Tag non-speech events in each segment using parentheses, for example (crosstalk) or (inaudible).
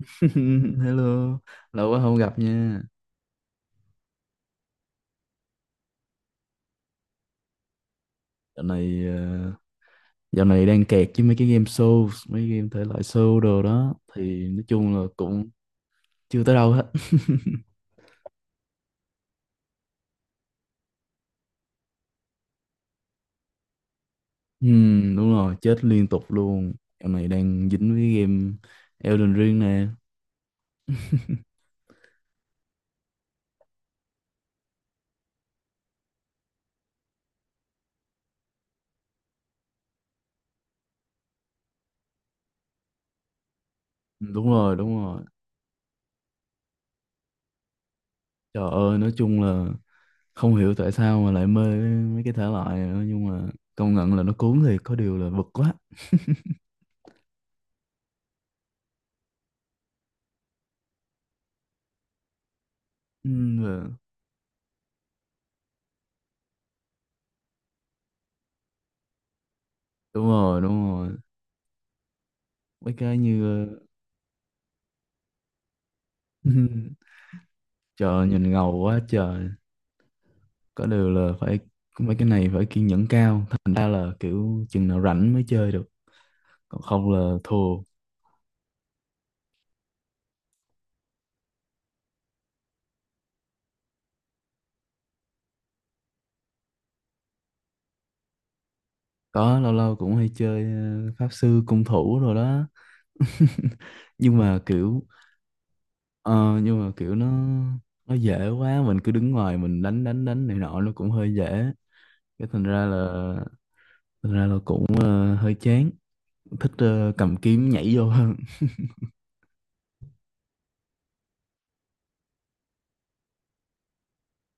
(laughs) Hello, lâu quá không gặp nha. Dạo này ờ, dạo này đang kẹt với mấy cái game show, mấy game thể loại show đồ đó thì nói chung là cũng chưa tới đâu hết. (laughs) Đúng rồi, chết liên tục luôn. Dạo này đang dính với game Elden Ring nè. Ừ, đúng rồi, đúng rồi. Trời ơi, nói chung là không hiểu tại sao mà lại mê mấy cái thể loại này nữa, nhưng mà công nhận là nó cuốn thì có điều là bực quá. Ừm, và- Đúng rồi, đúng rồi. Mấy cái như (laughs) trời nhìn ngầu quá trời. Có điều là phải, cũng mấy cái này phải kiên nhẫn cao. Thành ra là kiểu chừng nào rảnh mới chơi được, còn không là thua. Có lâu lâu cũng hay chơi pháp sư cung thủ rồi đó. (laughs) Nhưng mà kiểu ờ, Nhưng mà kiểu nó nó dễ quá. Mình cứ đứng ngoài mình đánh đánh đánh này nọ, nó cũng hơi dễ. Cái thành ra là Thành ra là cũng hơi chán. Thích cầm kiếm nhảy vô hơn.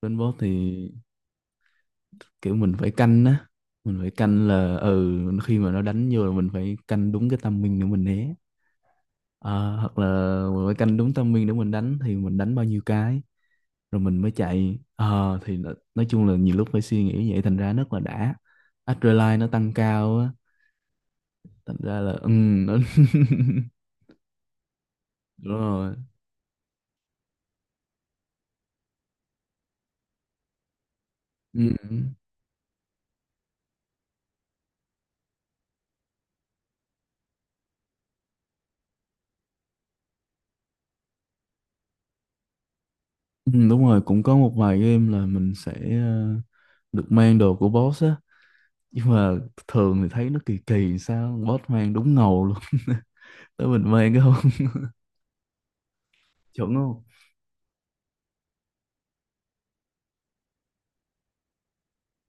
Đánh boss thì kiểu mình phải canh á, mình phải canh là, khi mà nó đánh vô là mình phải canh đúng cái timing để mình né. Ờ, hoặc là mình phải canh đúng timing để mình đánh, thì mình đánh bao nhiêu cái rồi mình mới chạy. Ờ, thì nói chung là nhiều lúc phải suy nghĩ vậy thành ra rất là đã, adrenaline nó tăng cao á, thành ra là ừ nó. (laughs) Đúng rồi. Ừ, ừ, đúng rồi, cũng có một vài game là mình sẽ ờ, được mang đồ của boss á, nhưng mà thường thì thấy nó kỳ kỳ, sao boss mang đúng ngầu luôn (laughs) tới mình mang cái không. (laughs) Chuẩn không.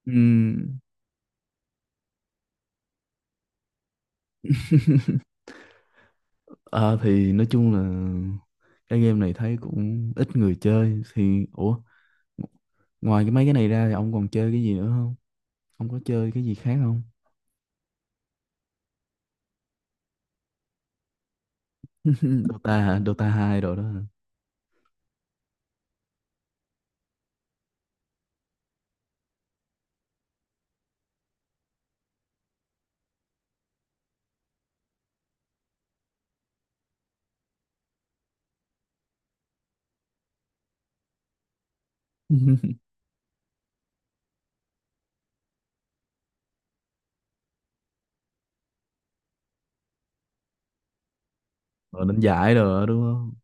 Ừm, à, thì nói chung là cái game này thấy cũng ít người chơi thì ủa, ngoài cái mấy cái này ra thì ông còn chơi cái gì nữa không, ông có chơi cái gì khác không? (laughs) Dota hả? Dota hai rồi đó hả? (laughs) Rồi đánh giải rồi đó, đúng không?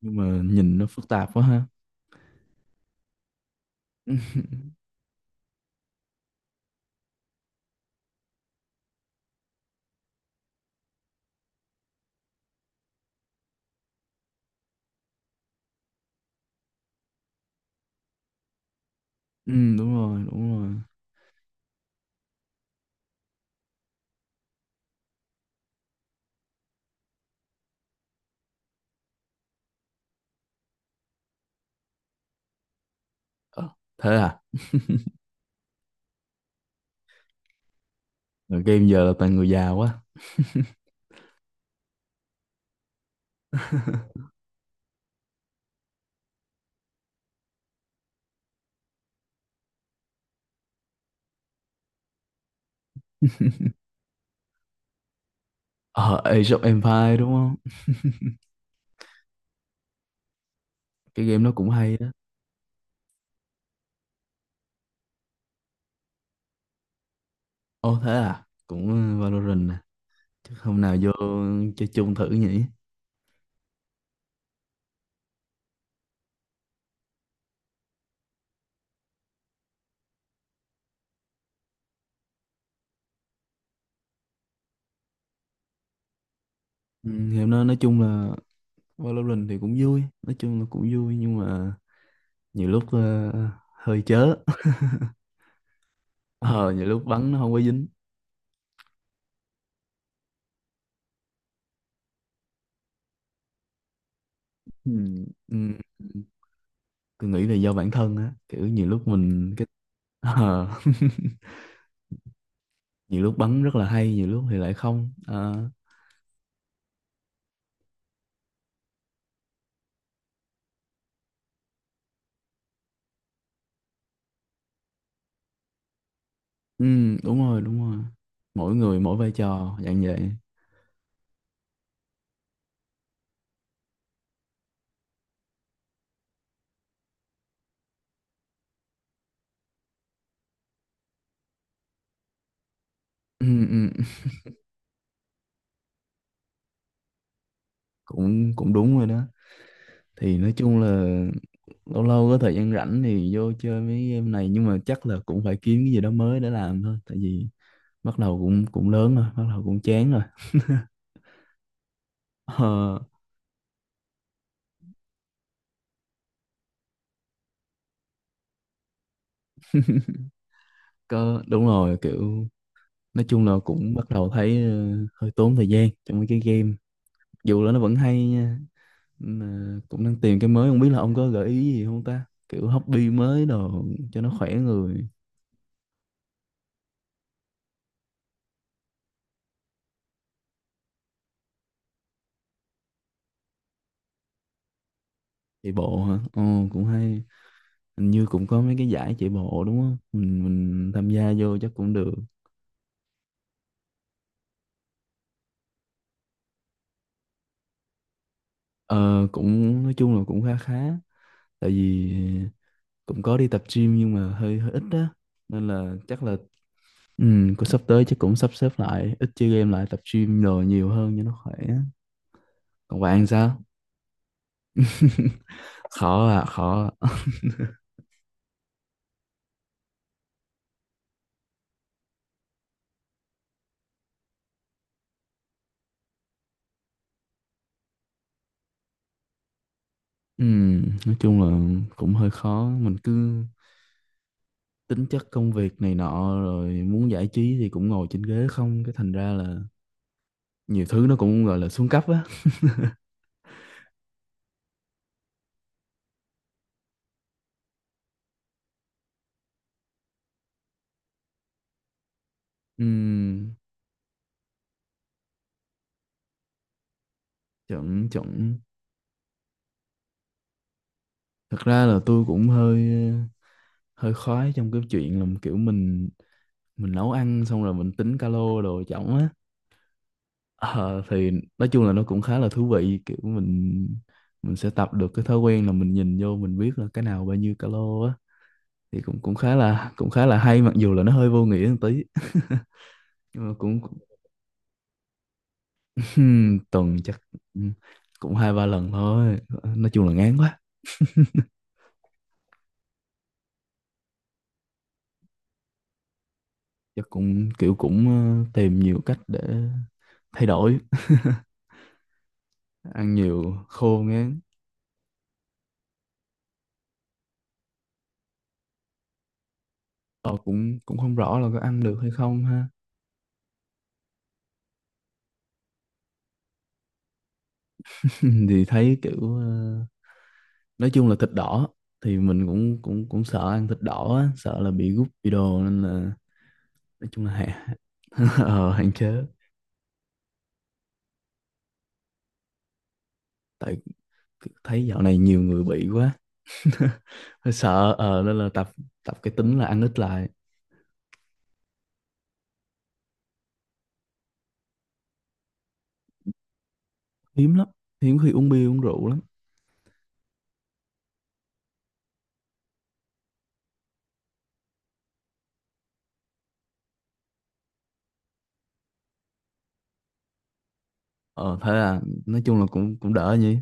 Nhưng mà nhìn nó phức tạp quá ha. (laughs) Ừ, đúng rồi đúng rồi. Ờ, thế à. Rồi game giờ là toàn người già quá. (laughs) Ờ, Age of Empire đúng không? Cái game nó cũng hay đó. Ồ thế à? Cũng Valorant à? Chắc hôm nào vô chơi chung thử nhỉ? Ừ, game nó nói chung là Valorant thì cũng vui. Nói chung là cũng vui nhưng mà nhiều lúc hơi chớ. (laughs) Ờ, nhiều lúc bắn nó không có dính. Ừ, ừ, tôi nghĩ là do bản thân á. Kiểu nhiều lúc mình... Ờ, (laughs) nhiều lúc bắn rất là hay, nhiều lúc thì lại không. Ờ, ừ, đúng rồi, đúng rồi. Mỗi người mỗi vai trò dạng vậy. Ừ, ừ, cũng cũng đúng rồi đó, thì nói chung là lâu lâu có thời gian rảnh thì vô chơi mấy game này, nhưng mà chắc là cũng phải kiếm cái gì đó mới để làm thôi, tại vì bắt đầu cũng cũng lớn rồi, bắt đầu cũng chán rồi. (laughs) ờ, có đúng rồi, kiểu nói chung là cũng bắt đầu thấy hơi tốn thời gian trong mấy cái game, dù là nó vẫn hay nha, mà cũng đang tìm cái mới, không biết là ông có gợi ý gì không ta, kiểu hobby mới đồ cho nó khỏe người. Chạy bộ hả? Ồ cũng hay, hình như cũng có mấy cái giải chạy bộ đúng không, mình tham gia vô chắc cũng được. Ờ, cũng nói chung là cũng khá khá, tại vì cũng có đi tập gym nhưng mà hơi hơi ít á, nên là chắc là ừ, cũng sắp tới chắc cũng sắp xếp lại, ít chơi game lại, tập gym đồ nhiều hơn cho nó khỏe. Còn bạn sao? (laughs) Khó à, khó à. Ừ, nói chung là cũng hơi khó, mình cứ tính chất công việc này nọ rồi muốn giải trí thì cũng ngồi trên ghế không, cái thành ra là nhiều thứ nó cũng gọi là xuống cấp á. Ừm, chuẩn chuẩn. Thật ra là tôi cũng hơi hơi khoái trong cái chuyện là kiểu mình nấu ăn xong rồi mình tính calo đồ chổng á. Ờ, thì nói chung là nó cũng khá là thú vị, kiểu mình sẽ tập được cái thói quen là mình nhìn vô mình biết là cái nào bao nhiêu calo á, thì cũng cũng khá là hay, mặc dù là nó hơi vô nghĩa một tí. (laughs) nhưng mà cũng cũng- (laughs) Tuần chắc cũng hai ba lần thôi, nói chung là ngán quá. Chắc cũng kiểu cũng tìm nhiều cách để thay đổi, ăn nhiều khô ngán. Ờ, cũng cũng không rõ là có ăn được hay không ha. (laughs) Thì thấy kiểu nói chung là thịt đỏ thì mình cũng cũng cũng sợ ăn thịt đỏ á, sợ là bị gút bị đồ nên là nói chung là (laughs) ờ, hạn chế. Tại thấy dạo này nhiều người bị quá. (laughs) Hơi sợ ờ, nên là tập tập cái tính là ăn ít lại. Hiếm lắm, hiếm khi uống bia uống rượu lắm. Ờ thế là nói chung là cũng cũng đỡ nhỉ.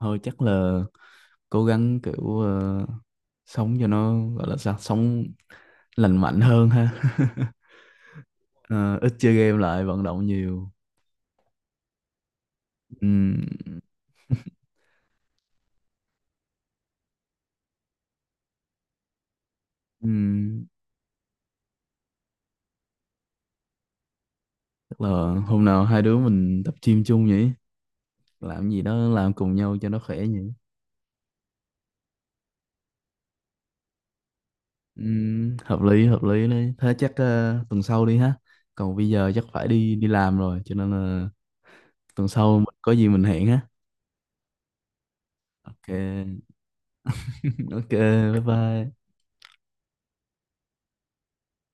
Thôi chắc là cố gắng kiểu sống cho nó gọi là sao, sống lành mạnh hơn ha. (laughs) Ờ, ít chơi game lại, vận động nhiều. Ừm, ừm, chắc là hôm nào hai đứa mình tập gym chung nhỉ, làm gì đó làm cùng nhau cho nó khỏe nhỉ. Hợp lý đấy, thế chắc tuần sau đi ha. Còn bây giờ chắc phải đi đi làm rồi, cho nên là tuần sau có gì mình hẹn ha. Ok. (laughs) Ok, bye bye.